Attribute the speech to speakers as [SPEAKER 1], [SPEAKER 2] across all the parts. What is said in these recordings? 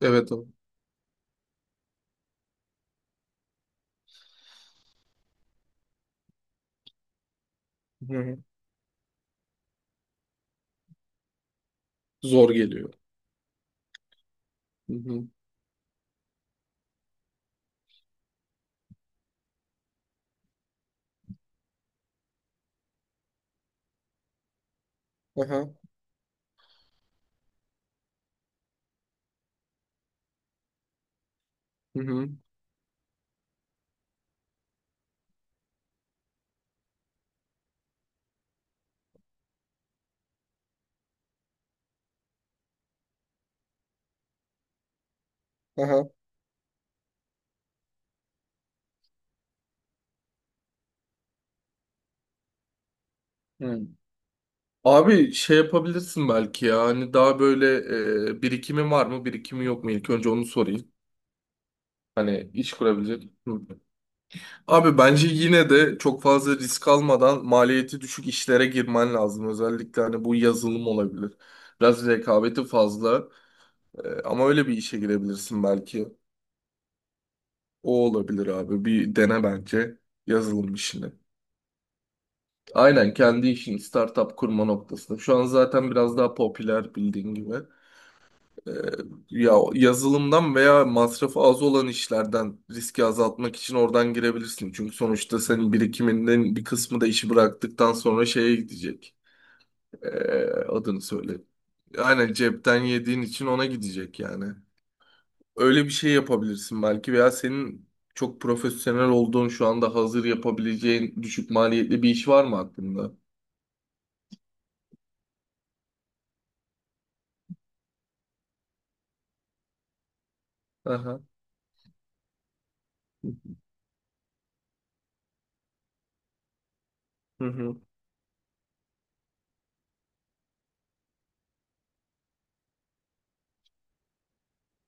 [SPEAKER 1] Evet abi. Hı hı. Zor geliyor. Hı hı. Aha. Hı hı. aha. Hı. Abi şey yapabilirsin belki ya hani daha böyle birikimi var mı birikimi yok mu ilk önce onu sorayım. Hani iş kurabilecek. Hı. Abi bence yine de çok fazla risk almadan maliyeti düşük işlere girmen lazım. Özellikle hani bu yazılım olabilir. Biraz rekabeti fazla ama öyle bir işe girebilirsin belki. O olabilir abi bir dene bence yazılım işini. Aynen kendi işin startup kurma noktasında. Şu an zaten biraz daha popüler bildiğin gibi. Ee, ya yazılımdan veya masrafı az olan işlerden riski azaltmak için oradan girebilirsin. Çünkü sonuçta senin birikiminden bir kısmı da işi bıraktıktan sonra şeye gidecek. Ee, adını söyle. Aynen cepten yediğin için ona gidecek yani. Öyle bir şey yapabilirsin belki veya senin çok profesyonel olduğun şu anda hazır yapabileceğin düşük maliyetli bir iş var mı aklında? Aha. Hı hı.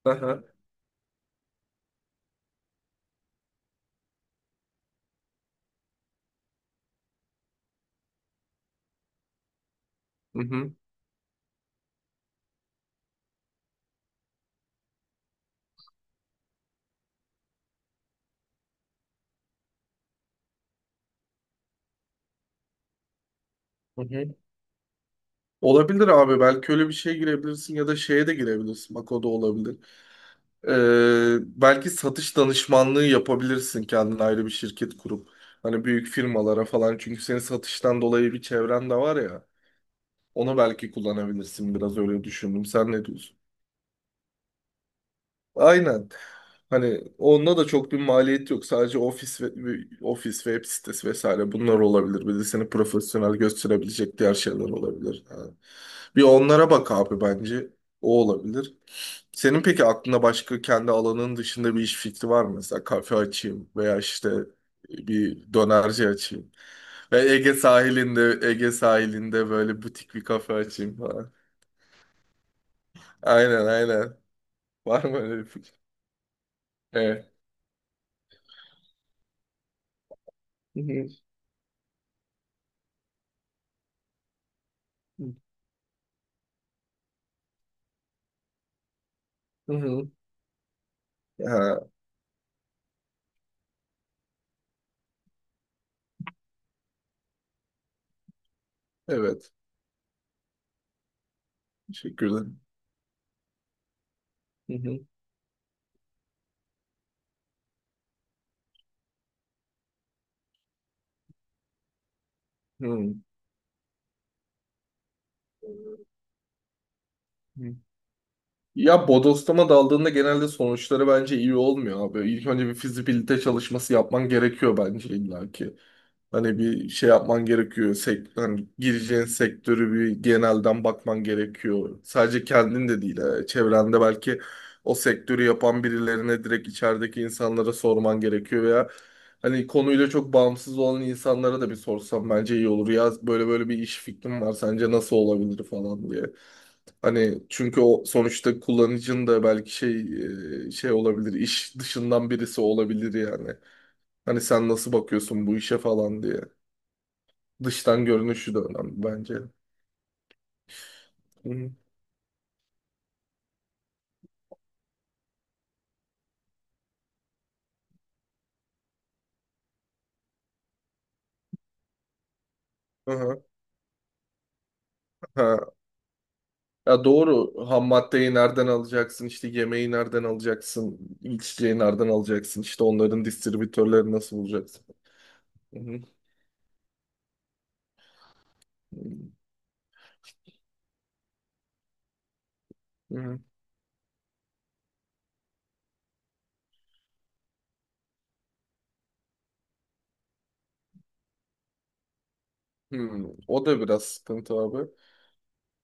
[SPEAKER 1] Aha. Hı hı. Hı hı. Olabilir abi. Belki öyle bir şeye girebilirsin ya da şeye de girebilirsin. Bak o da olabilir. Belki satış danışmanlığı yapabilirsin kendine ayrı bir şirket kurup. Hani büyük firmalara falan. Çünkü senin satıştan dolayı bir çevren de var ya. Onu belki kullanabilirsin biraz öyle düşündüm. Sen ne diyorsun? Aynen. Hani onda da çok bir maliyet yok. Sadece ofis ve ofis web sitesi vesaire bunlar olabilir. Bir de seni profesyonel gösterebilecek diğer şeyler olabilir. Ha. Bir onlara bak abi bence. O olabilir. Senin peki aklında başka kendi alanın dışında bir iş fikri var mı? Mesela kafe açayım veya işte bir dönerci açayım. Ve Ege sahilinde böyle butik bir kafe açayım falan. Aynen aynen. Var mı öyle bir fikir? Evet. Hı hı. Hı hı. Ha, evet. Teşekkürler. Hı hı. Hı hı. Ya bodoslama daldığında genelde sonuçları bence iyi olmuyor abi. İlk önce bir fizibilite çalışması yapman gerekiyor bence illaki. Hani bir şey yapman gerekiyor. Hani gireceğin sektörü bir genelden bakman gerekiyor. Sadece kendin de değil. Çevrende belki o sektörü yapan birilerine direkt içerideki insanlara sorman gerekiyor veya hani konuyla çok bağımsız olan insanlara da bir sorsam bence iyi olur. Ya böyle böyle bir iş fikrim var. Sence nasıl olabilir falan diye. Hani çünkü o sonuçta kullanıcının da belki şey olabilir. İş dışından birisi olabilir yani. Hani sen nasıl bakıyorsun bu işe falan diye. Dıştan görünüşü de önemli bence. Hı hı. Ha. Ya doğru. Ham maddeyi nereden alacaksın? İşte yemeği nereden alacaksın? İçeceği nereden alacaksın? İşte onların distribütörleri nasıl bulacaksın? Hı hı. Hı hı. Hı. O da biraz sıkıntı abi.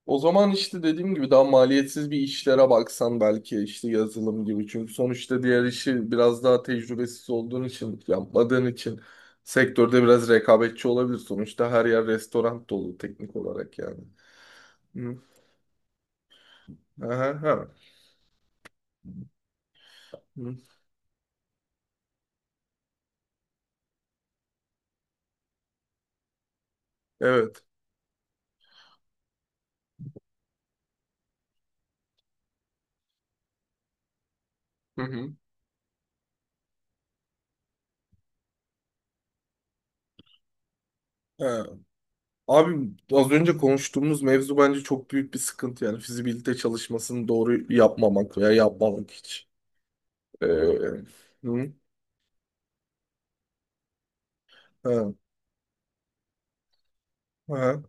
[SPEAKER 1] O zaman işte dediğim gibi daha maliyetsiz bir işlere baksan belki işte yazılım gibi. Çünkü sonuçta diğer işi biraz daha tecrübesiz olduğun için, yapmadığın için sektörde biraz rekabetçi olabilir. Sonuçta her yer restoran dolu teknik olarak yani. Hı. Aha, ha. Hı. Evet. Hı hı. Ha. Abi az önce konuştuğumuz mevzu bence çok büyük bir sıkıntı yani fizibilite çalışmasını doğru yapmamak veya yapmamak hiç. Ee, hı. Ha. Ha.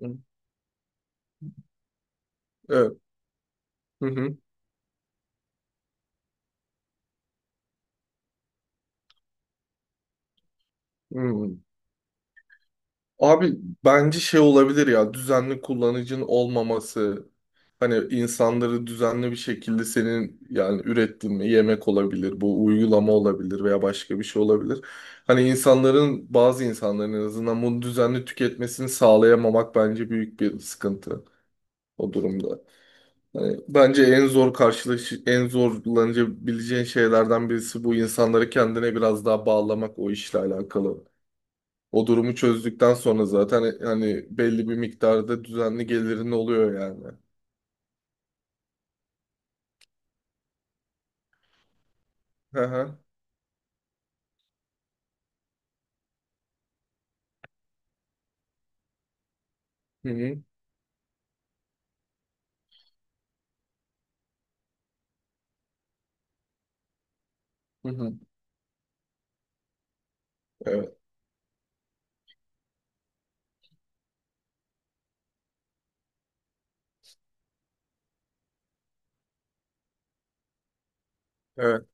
[SPEAKER 1] Hı. Evet. Hı hı. Hmm. Abi bence şey olabilir ya düzenli kullanıcın olmaması hani insanları düzenli bir şekilde senin yani ürettiğin bir yemek olabilir bu uygulama olabilir veya başka bir şey olabilir. Hani insanların bazı insanların en azından bunu düzenli tüketmesini sağlayamamak bence büyük bir sıkıntı o durumda. Hani bence en zor karşılaş en zorlanabileceğin şeylerden birisi bu insanları kendine biraz daha bağlamak o işle alakalı. O durumu çözdükten sonra zaten hani belli bir miktarda düzenli gelirin oluyor yani. Hı hı. Hı hı. Hı hı. Evet. Evet.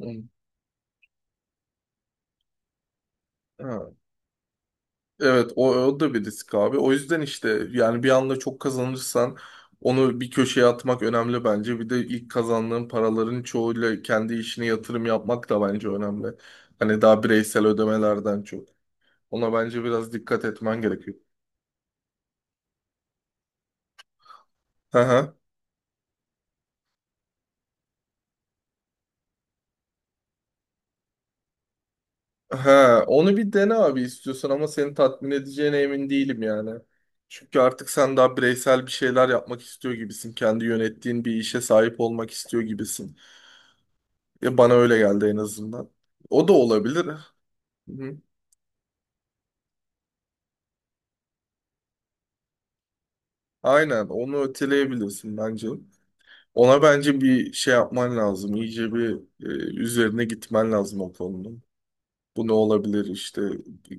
[SPEAKER 1] Hı. Ha. Evet o da bir risk abi. O yüzden işte yani bir anda çok kazanırsan onu bir köşeye atmak önemli bence. Bir de ilk kazandığın paraların çoğuyla kendi işine yatırım yapmak da bence önemli. Hani daha bireysel ödemelerden çok. Ona bence biraz dikkat etmen gerekiyor. Hı hı. Ha, onu bir dene abi istiyorsan ama seni tatmin edeceğine emin değilim yani. Çünkü artık sen daha bireysel bir şeyler yapmak istiyor gibisin. Kendi yönettiğin bir işe sahip olmak istiyor gibisin. Ya bana öyle geldi en azından. O da olabilir. Hı-hı. Aynen onu öteleyebilirsin bence. Ona bence bir şey yapman lazım. İyice bir e, üzerine gitmen lazım o konunun. Bu ne olabilir işte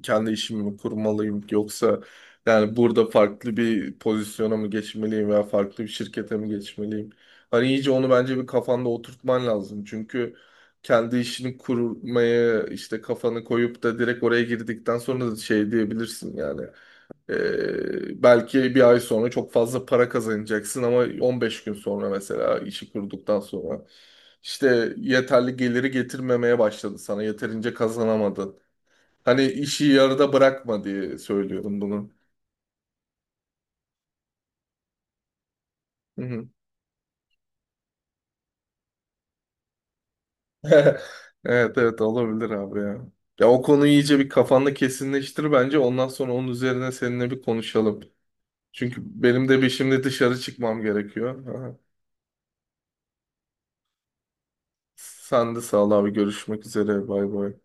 [SPEAKER 1] kendi işimi mi kurmalıyım yoksa yani burada farklı bir pozisyona mı geçmeliyim veya farklı bir şirkete mi geçmeliyim? Hani iyice onu bence bir kafanda oturtman lazım. Çünkü kendi işini kurmaya işte kafanı koyup da direkt oraya girdikten sonra da şey diyebilirsin yani. Belki bir ay sonra çok fazla para kazanacaksın ama 15 gün sonra mesela işi kurduktan sonra işte yeterli geliri getirmemeye başladı sana yeterince kazanamadın. Hani işi yarıda bırakma diye söylüyorum bunu. Hı hı. Evet evet olabilir abi ya. Ya o konuyu iyice bir kafanda kesinleştir bence. Ondan sonra onun üzerine seninle bir konuşalım. Çünkü benim de bir şimdi dışarı çıkmam gerekiyor. Aha. Sen de sağ ol abi. Görüşmek üzere. Bay bay.